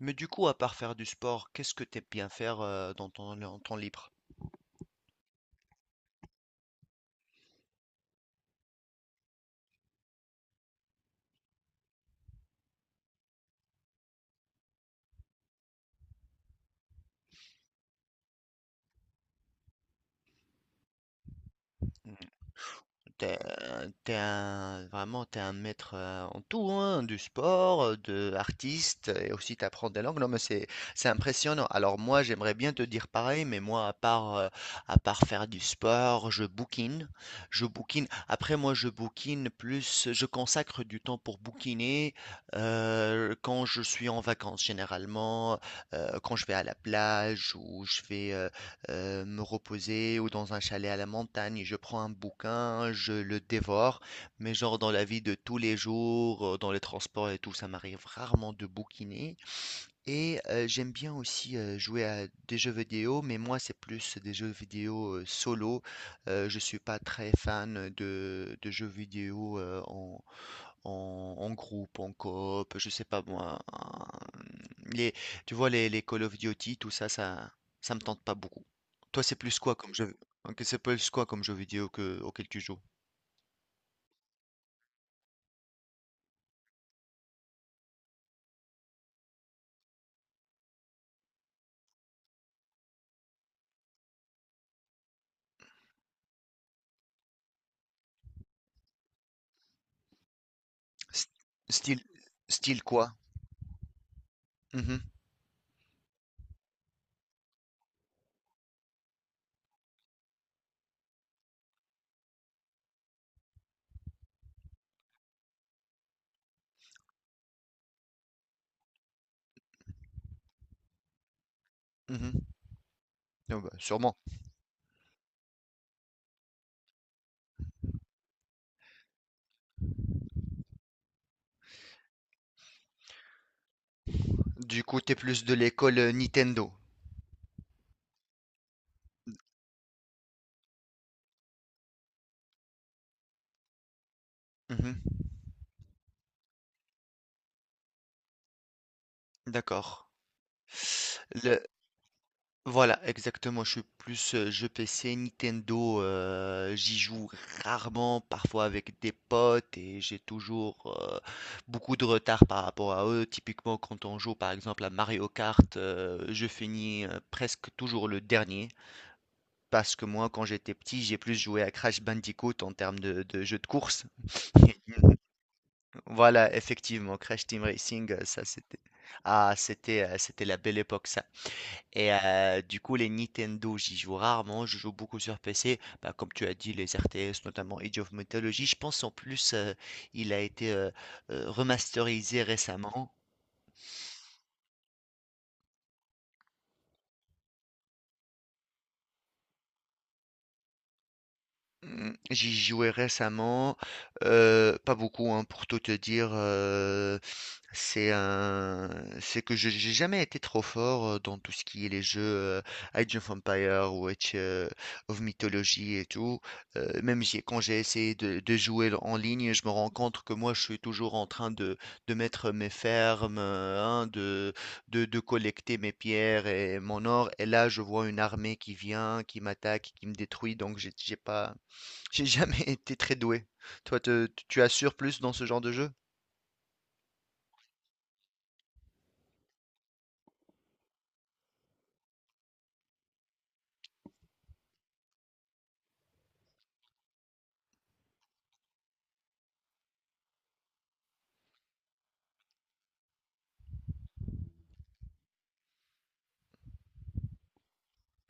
Mais du coup, à part faire du sport, qu'est-ce que t'aimes bien faire dans ton en temps libre? Vraiment, t'es un maître en tout, hein, du sport, de artiste, et aussi t'apprends des langues. Non, mais c'est impressionnant. Alors moi, j'aimerais bien te dire pareil, mais moi, à part faire du sport, je bouquine, je bouquine. Après, moi, je bouquine plus, je consacre du temps pour bouquiner quand je suis en vacances, généralement, quand je vais à la plage ou je vais me reposer ou dans un chalet à la montagne. Je prends un bouquin, je le dévore, mais genre dans la vie de tous les jours, dans les transports et tout, ça m'arrive rarement de bouquiner. Et j'aime bien aussi jouer à des jeux vidéo, mais moi c'est plus des jeux vidéo solo. Je suis pas très fan de jeux vidéo en, en groupe, en coop, je sais pas moi. Les, tu vois, les Call of Duty, tout ça me tente pas beaucoup. Toi, c'est plus quoi comme jeu, ok, c'est plus quoi comme jeu vidéo auquel tu joues? S- Style, style quoi? Mhm, mhm. Ah bah, sûrement. Du coup, t'es plus de l'école Nintendo. Mhm, d'accord. Voilà, exactement. Je suis plus jeu PC, Nintendo. J'y joue rarement, parfois avec des potes, et j'ai toujours beaucoup de retard par rapport à eux. Typiquement, quand on joue par exemple à Mario Kart, je finis presque toujours le dernier. Parce que moi, quand j'étais petit, j'ai plus joué à Crash Bandicoot en termes de jeu de course. Voilà, effectivement, Crash Team Racing, ça c'était. Ah, c'était la belle époque. Ça, et du coup, les Nintendo, j'y joue rarement, je joue beaucoup sur PC. Bah, comme tu as dit, les RTS, notamment Age of Mythology, je pense en plus, il a été, remasterisé récemment. Mmh, j'y jouais récemment, pas beaucoup, hein, pour tout te dire, c'est un c'est que je j'ai jamais été trop fort, dans tout ce qui est les jeux, heu, Age of Empires ou Age, of Mythology et tout, même j'ai quand j'ai essayé de jouer en ligne, je me rends compte que moi, je suis toujours en train de mettre mes fermes, hein, de collecter mes pierres et mon or et là, je vois une armée qui vient, qui m'attaque, qui me détruit donc j'ai jamais été très doué. Toi, tu assures plus dans ce genre de jeu?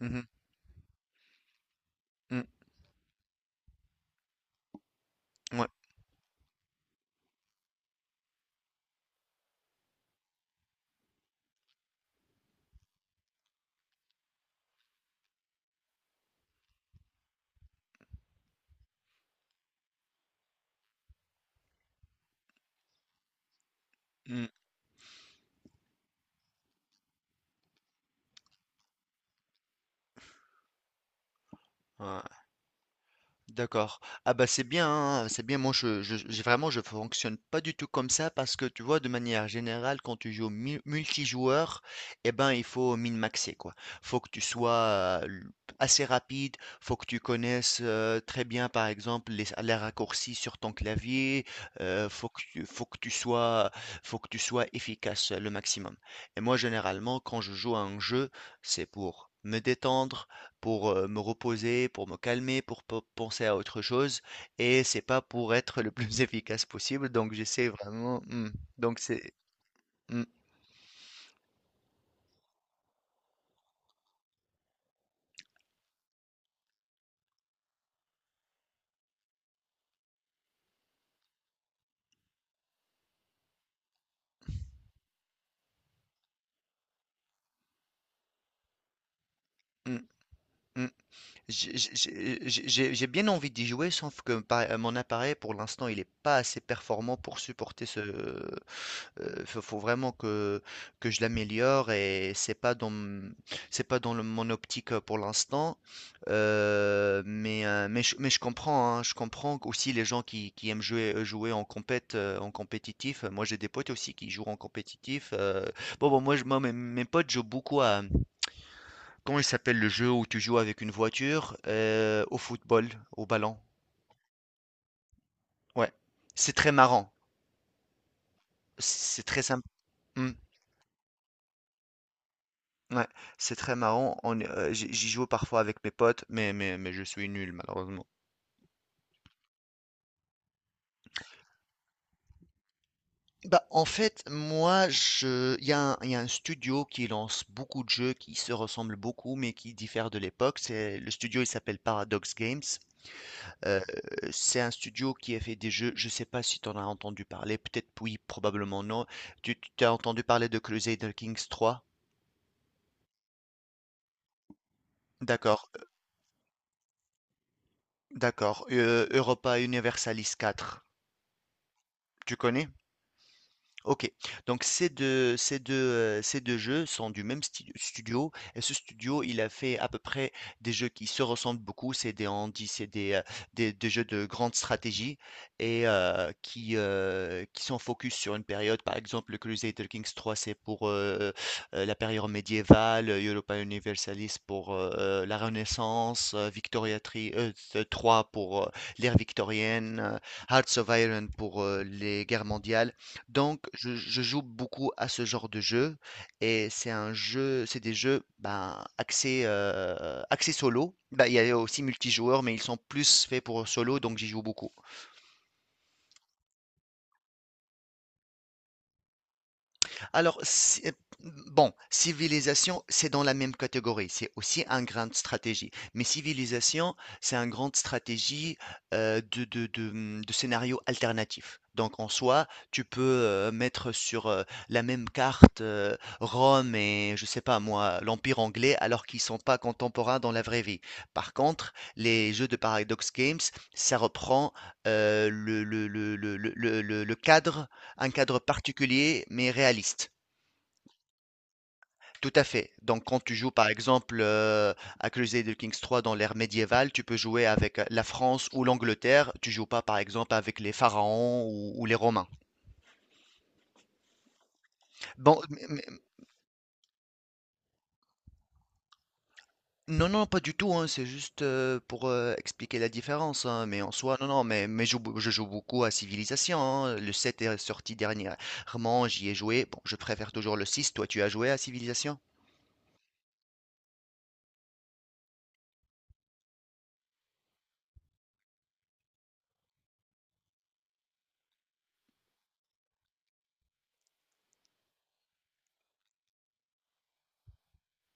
Mhm, mm, ouais, mm, ouais. D'accord. Ah bah c'est bien, hein, c'est bien. Moi, je fonctionne pas du tout comme ça parce que tu vois, de manière générale, quand tu joues multijoueur, eh ben, il faut min-maxer quoi. Faut que tu sois assez rapide, faut que tu connaisses très bien, par exemple, les raccourcis sur ton clavier. euh, faut que, tu- faut que tu sois, faut que tu sois efficace le maximum. Et moi, généralement, quand je joue à un jeu, c'est pour me détendre pour, me reposer, pour me calmer, pour pe penser à autre chose et c'est pas pour être le plus efficace possible donc j'essaie vraiment donc c'est mmh, mmh, mmh. J'ai bien envie d'y jouer, sauf que mon appareil, pour l'instant, il n'est pas assez performant pour supporter ce. Il faut vraiment que, je l'améliore et c'est pas dans mon optique pour l'instant. Mais je comprends, hein, je comprends aussi les gens qui aiment jouer, jouer en en compétitif. Moi, j'ai des potes aussi qui jouent en compétitif. Bon, bon, moi, moi, mes potes jouent beaucoup. Comment il s'appelle le jeu où tu joues avec une voiture au football, au ballon? Ouais, c'est très marrant. C'est très sympa. Ouais, c'est très marrant. On est- j'y j'y joue parfois avec mes potes, mais je suis nul malheureusement. Bah, en fait, il y a un studio qui lance beaucoup de jeux qui se ressemblent beaucoup, mais qui diffèrent de l'époque. Le studio, il s'appelle Paradox Games. Euh, c'est un studio qui a fait des jeux, je ne sais pas si tu en as entendu parler, peut-être oui, probablement non. Tu as entendu parler de Crusader Kings 3? D'accord, d'accord. Europa Universalis 4, tu connais? OK. Donc ces deux jeux sont du même studio et ce studio, il a fait à peu près des jeux qui se ressemblent beaucoup. C'est des handis, c'est des jeux de grande stratégie et qui sont focus sur une période. Par exemple, le Crusader Kings 3, c'est pour, la période médiévale, Europa Universalis pour, la Renaissance, Victoria tri t pour, l'ère victorienne, Hearts of Iron pour, les guerres mondiales. Donc, je joue beaucoup à ce genre de jeu et c'est des jeux ben, axés solo. Ben, il y a aussi multijoueurs, mais ils sont plus faits pour solo, donc j'y joue beaucoup. Alors, bon, civilisation, c'est dans la même catégorie. C'est aussi une grande stratégie. Mais civilisation, c'est une grande stratégie de scénario alternatif. Donc, en soi, tu peux mettre sur la même carte Rome et, je sais pas moi, l'Empire anglais, alors qu'ils sont pas contemporains dans la vraie vie. Par contre, les jeux de Paradox Games, ça reprend euh, le, le, le, le, le, le cadre un cadre particulier mais réaliste. Tout à fait. Donc, quand tu joues par exemple à Crusader Kings 3 dans l'ère médiévale, tu peux jouer avec la France ou l'Angleterre. Tu joues pas par exemple avec les pharaons ou les Romains. Bon, non, non, pas du tout. Hein, c'est juste pour expliquer la différence. Hein, mais en soi, non, non. Mais je joue beaucoup à Civilisation. Hein, le 7 est sorti dernièrement. J'y ai joué. Bon, je préfère toujours le 6. Toi, tu as joué à Civilisation?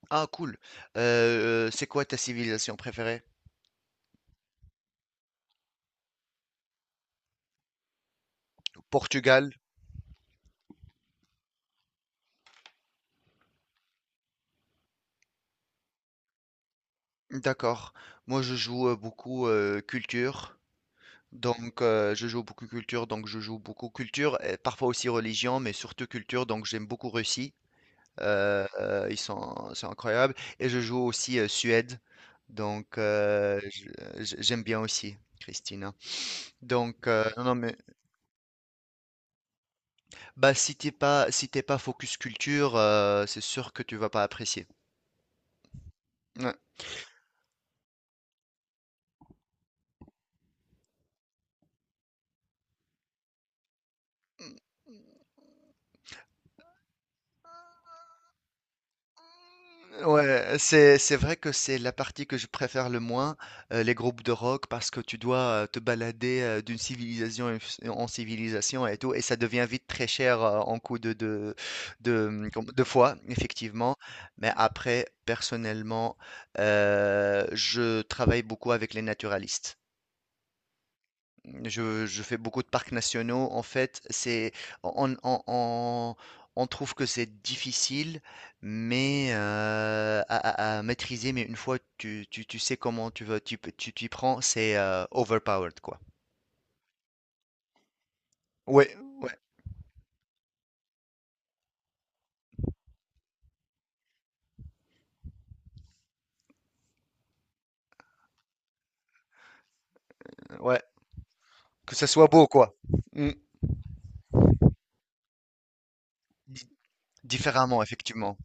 Ah cool. C'est quoi ta civilisation préférée? Portugal? D'accord. Moi je joue beaucoup culture. Donc je joue beaucoup culture, donc je joue beaucoup culture, et parfois aussi religion, mais surtout culture, donc j'aime beaucoup Russie. C'est incroyable. Et je joue aussi Suède. Donc j'aime bien aussi Christina. Non, non, mais. Bah, si t'es pas focus culture, c'est sûr que tu vas pas apprécier. Ouais, ouais, c'est vrai que c'est la partie que je préfère le moins, les groupes de rock, parce que tu dois te balader d'une civilisation en civilisation et tout, et ça devient vite très cher en coup de fois, effectivement. Mais après, personnellement, je travaille beaucoup avec les naturalistes. Je fais beaucoup de parcs nationaux. En fait, c'est on, on, on- on trouve que c'est difficile, mais à maîtriser. Mais une fois tu sais comment tu t'y prends, c'est overpowered quoi. Ouais, ouais, ouais. Que ça soit beau quoi. Mm. Di- Différemment, effectivement.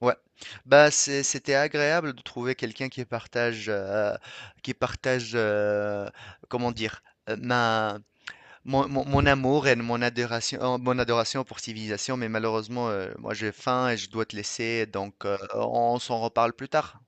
Ouais. Bah c'était agréable de trouver quelqu'un qui partage, comment dire, euh, ma mon amour et mon adoration pour civilisation, mais malheureusement, moi j'ai faim et je dois te laisser, donc on s'en reparle plus tard.